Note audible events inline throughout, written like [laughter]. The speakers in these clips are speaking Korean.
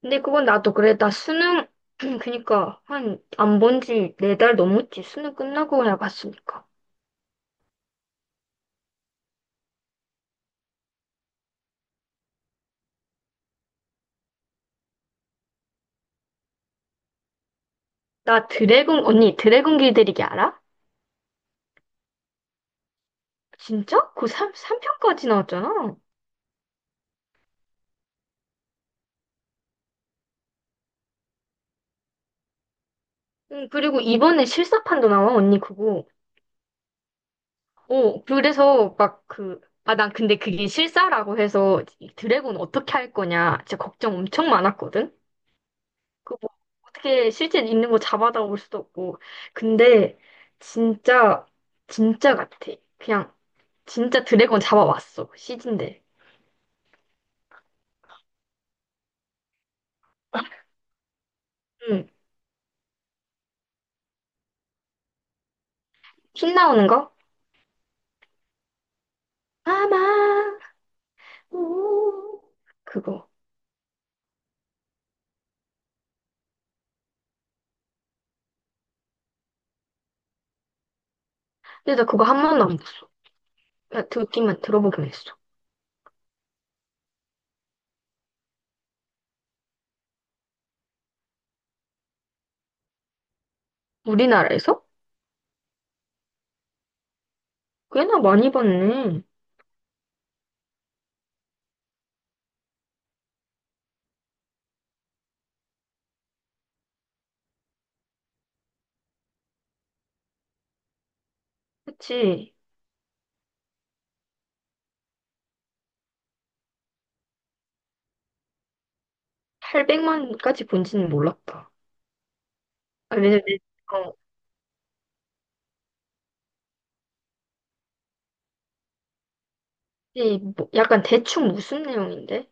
근데 그건 나도 그래. 나 수능, [clears throat] 한, 안 본지 네 달 넘었지. 수능 끝나고 야 봤으니까. 나 드래곤, 언니, 드래곤 길들이기 알아? 진짜? 삼편까지 나왔잖아. 응, 그리고 이번에 실사판도 나와, 언니, 그거. 어, 그래서 난 근데 그게 실사라고 해서 이 드래곤 어떻게 할 거냐. 진짜 걱정 엄청 많았거든? 그거 뭐 어떻게 실제 있는 거 잡아다 올 수도 없고. 근데, 진짜, 진짜 같아. 그냥 진짜 드래곤 잡아왔어. 시즌데. 응. 핀 나오는 거? 아마, 오. 그거. 근데 나 그거 한 번도 안 봤어. 나 들어보기만 했어. 우리나라에서? 꽤나 많이 봤네. 그치. 800만까지 본지는 몰랐다. 아, 왜냐면, 어, 이 뭐, 약간 대충 무슨 내용인데?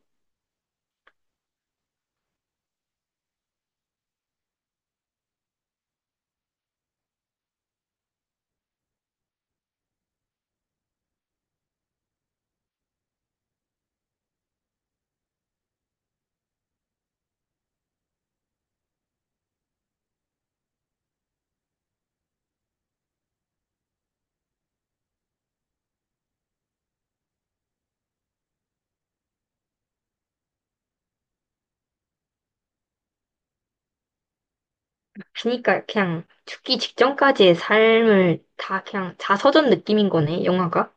그니까 그냥 죽기 직전까지의 삶을 다 그냥 자서전 느낌인 거네, 영화가.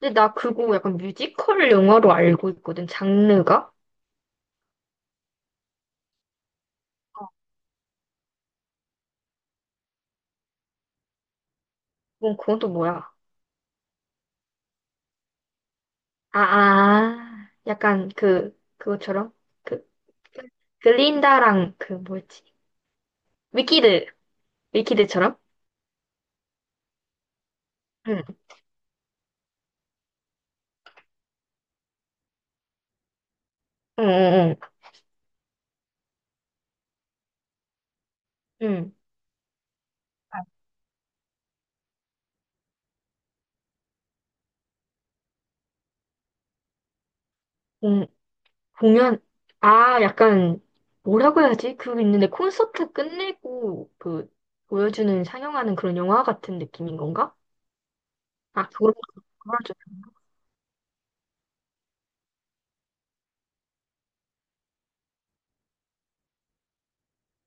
근데 나 그거 약간 뮤지컬 영화로 알고 있거든, 장르가. 어, 그건 또 뭐야? 아, 약간 그것처럼? 그, 글린다랑 그 뭐였지? 위키드, 위키드처럼? 응, 응, 응, 응. 응. 아, 공, 공연, 아, 약간, 뭐라고 해야지? 그거 있는데 콘서트 끝내고 그, 보여주는, 상영하는 그런 영화 같은 느낌인 건가? 아, 그걸 좀,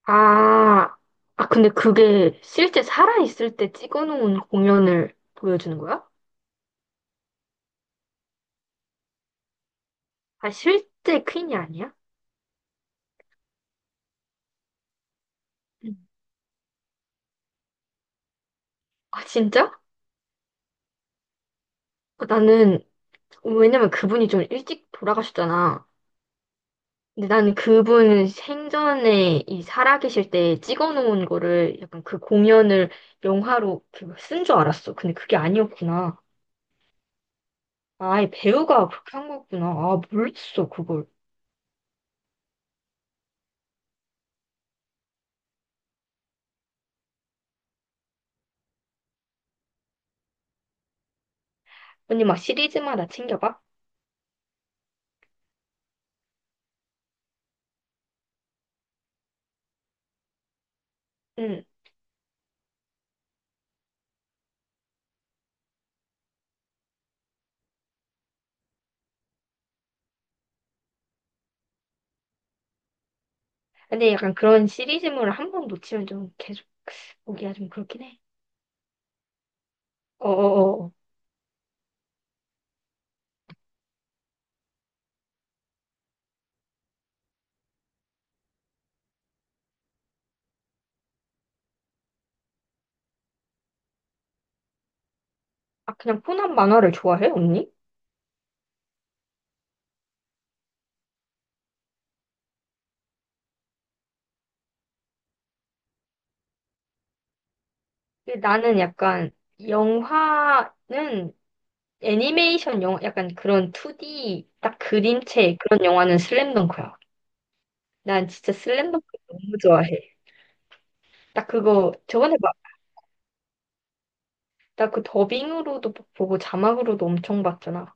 아, 아, 근데 그게 실제 살아있을 때 찍어놓은 공연을 보여주는 거야? 아, 실제 퀸이 아니야? 아, 진짜? 어, 나는, 왜냐면 그분이 좀 일찍 돌아가셨잖아. 근데 나는 그분 생전에 이 살아계실 때 찍어놓은 거를 약간 그 공연을 영화로 쓴 줄 알았어. 근데 그게 아니었구나. 아예 배우가 그렇게 한 거구나. 아, 몰랐어, 그걸. 언니 막 시리즈마다 챙겨봐? 응. 근데 약간 그런 시리즈물을 한 번 놓치면 좀 계속 보기가 좀 그렇긴 해. 어어어. 아, 그냥 코난 만화를 좋아해, 언니? 근데 나는 약간 영화는 애니메이션 영화, 약간 그런 2D 딱 그림체 그런 영화는 슬램덩크야. 난 진짜 슬램덩크 너무 좋아해. 나 그거 저번에 막, 나 그 더빙으로도 보고 자막으로도 엄청 봤잖아.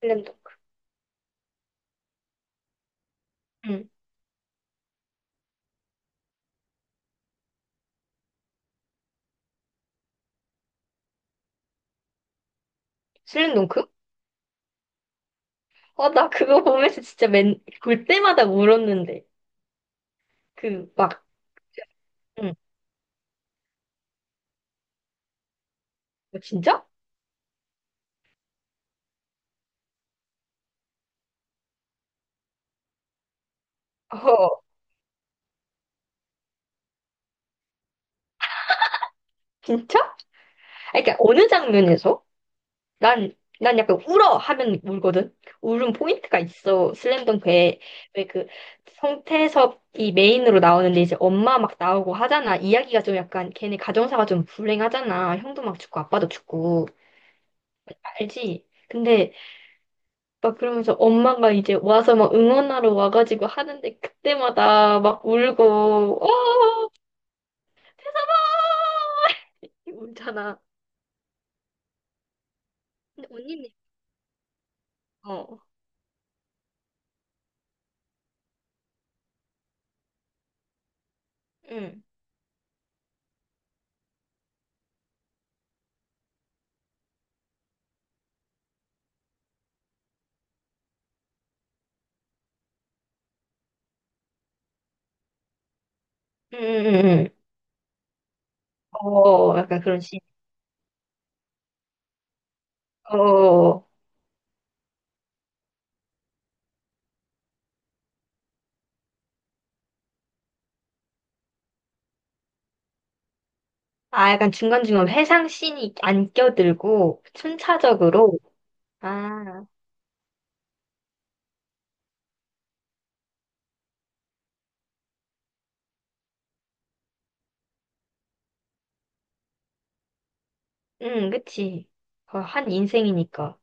슬램덩크. 응. 슬램덩크? 어, 나 그거 [laughs] 보면서 볼 때마다 울었는데. 그 막, 응. 어, 진짜? 어, 진짜? 아니, 그러니까 어느 장면에서? 난, 난 약간 울어 하면 울거든. 울음 포인트가 있어. 슬램덩크에 왜 그 성태섭이 메인으로 나오는데 이제 엄마 막 나오고 하잖아. 이야기가 좀 약간 걔네 가정사가 좀 불행하잖아. 형도 막 죽고 아빠도 죽고 알지? 근데 막 그러면서 엄마가 이제 와서 막 응원하러 와가지고 하는데 그때마다 막 울고 어 태섭아 울잖아. 근데 언니는 어 응. 응, 응, 응, 응. 어, 약간 그런 시. 어, 아, 약간 중간중간 회상씬이 안 껴들고, 순차적으로, 아, 응, 그치. 어, 한 인생이니까.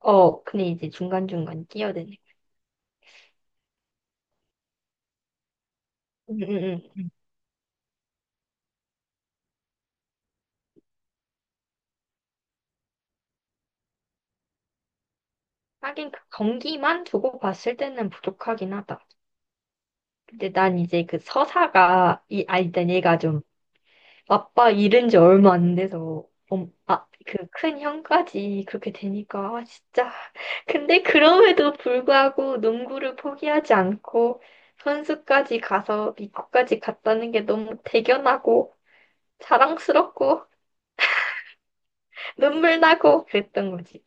어, 근데 이제 중간중간 끼어드네. 응, 응, 응. 하긴 그 경기만 두고 봤을 때는 부족하긴 하다. 근데 난 이제 그 서사가, 일단 얘가 좀 아빠 잃은 지 얼마 안 돼서 그 큰 형까지 그렇게 되니까 아, 진짜. 근데 그럼에도 불구하고 농구를 포기하지 않고 선수까지 가서 미국까지 갔다는 게 너무 대견하고 자랑스럽고 눈물 나고 그랬던 거지.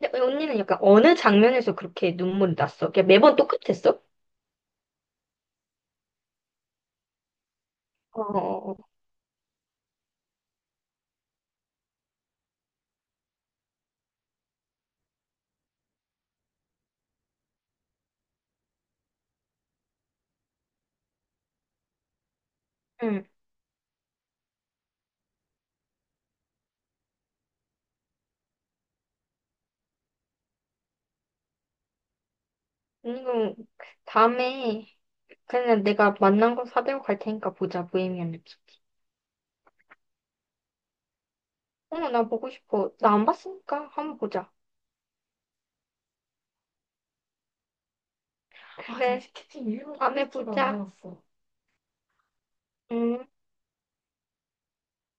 근데 언니는 약간 어느 장면에서 그렇게 눈물이 났어? 그냥 매번 똑같았어? 어, 어, 어. 응. 언니가 다음에 그냥 내가 만난 거 사들고 갈 테니까 보자, 보헤미안 랩소디. 어, 나 보고 싶어. 나 안 봤으니까 한번 보자. 아, 그래, 티켓이에 보자. 았어 음.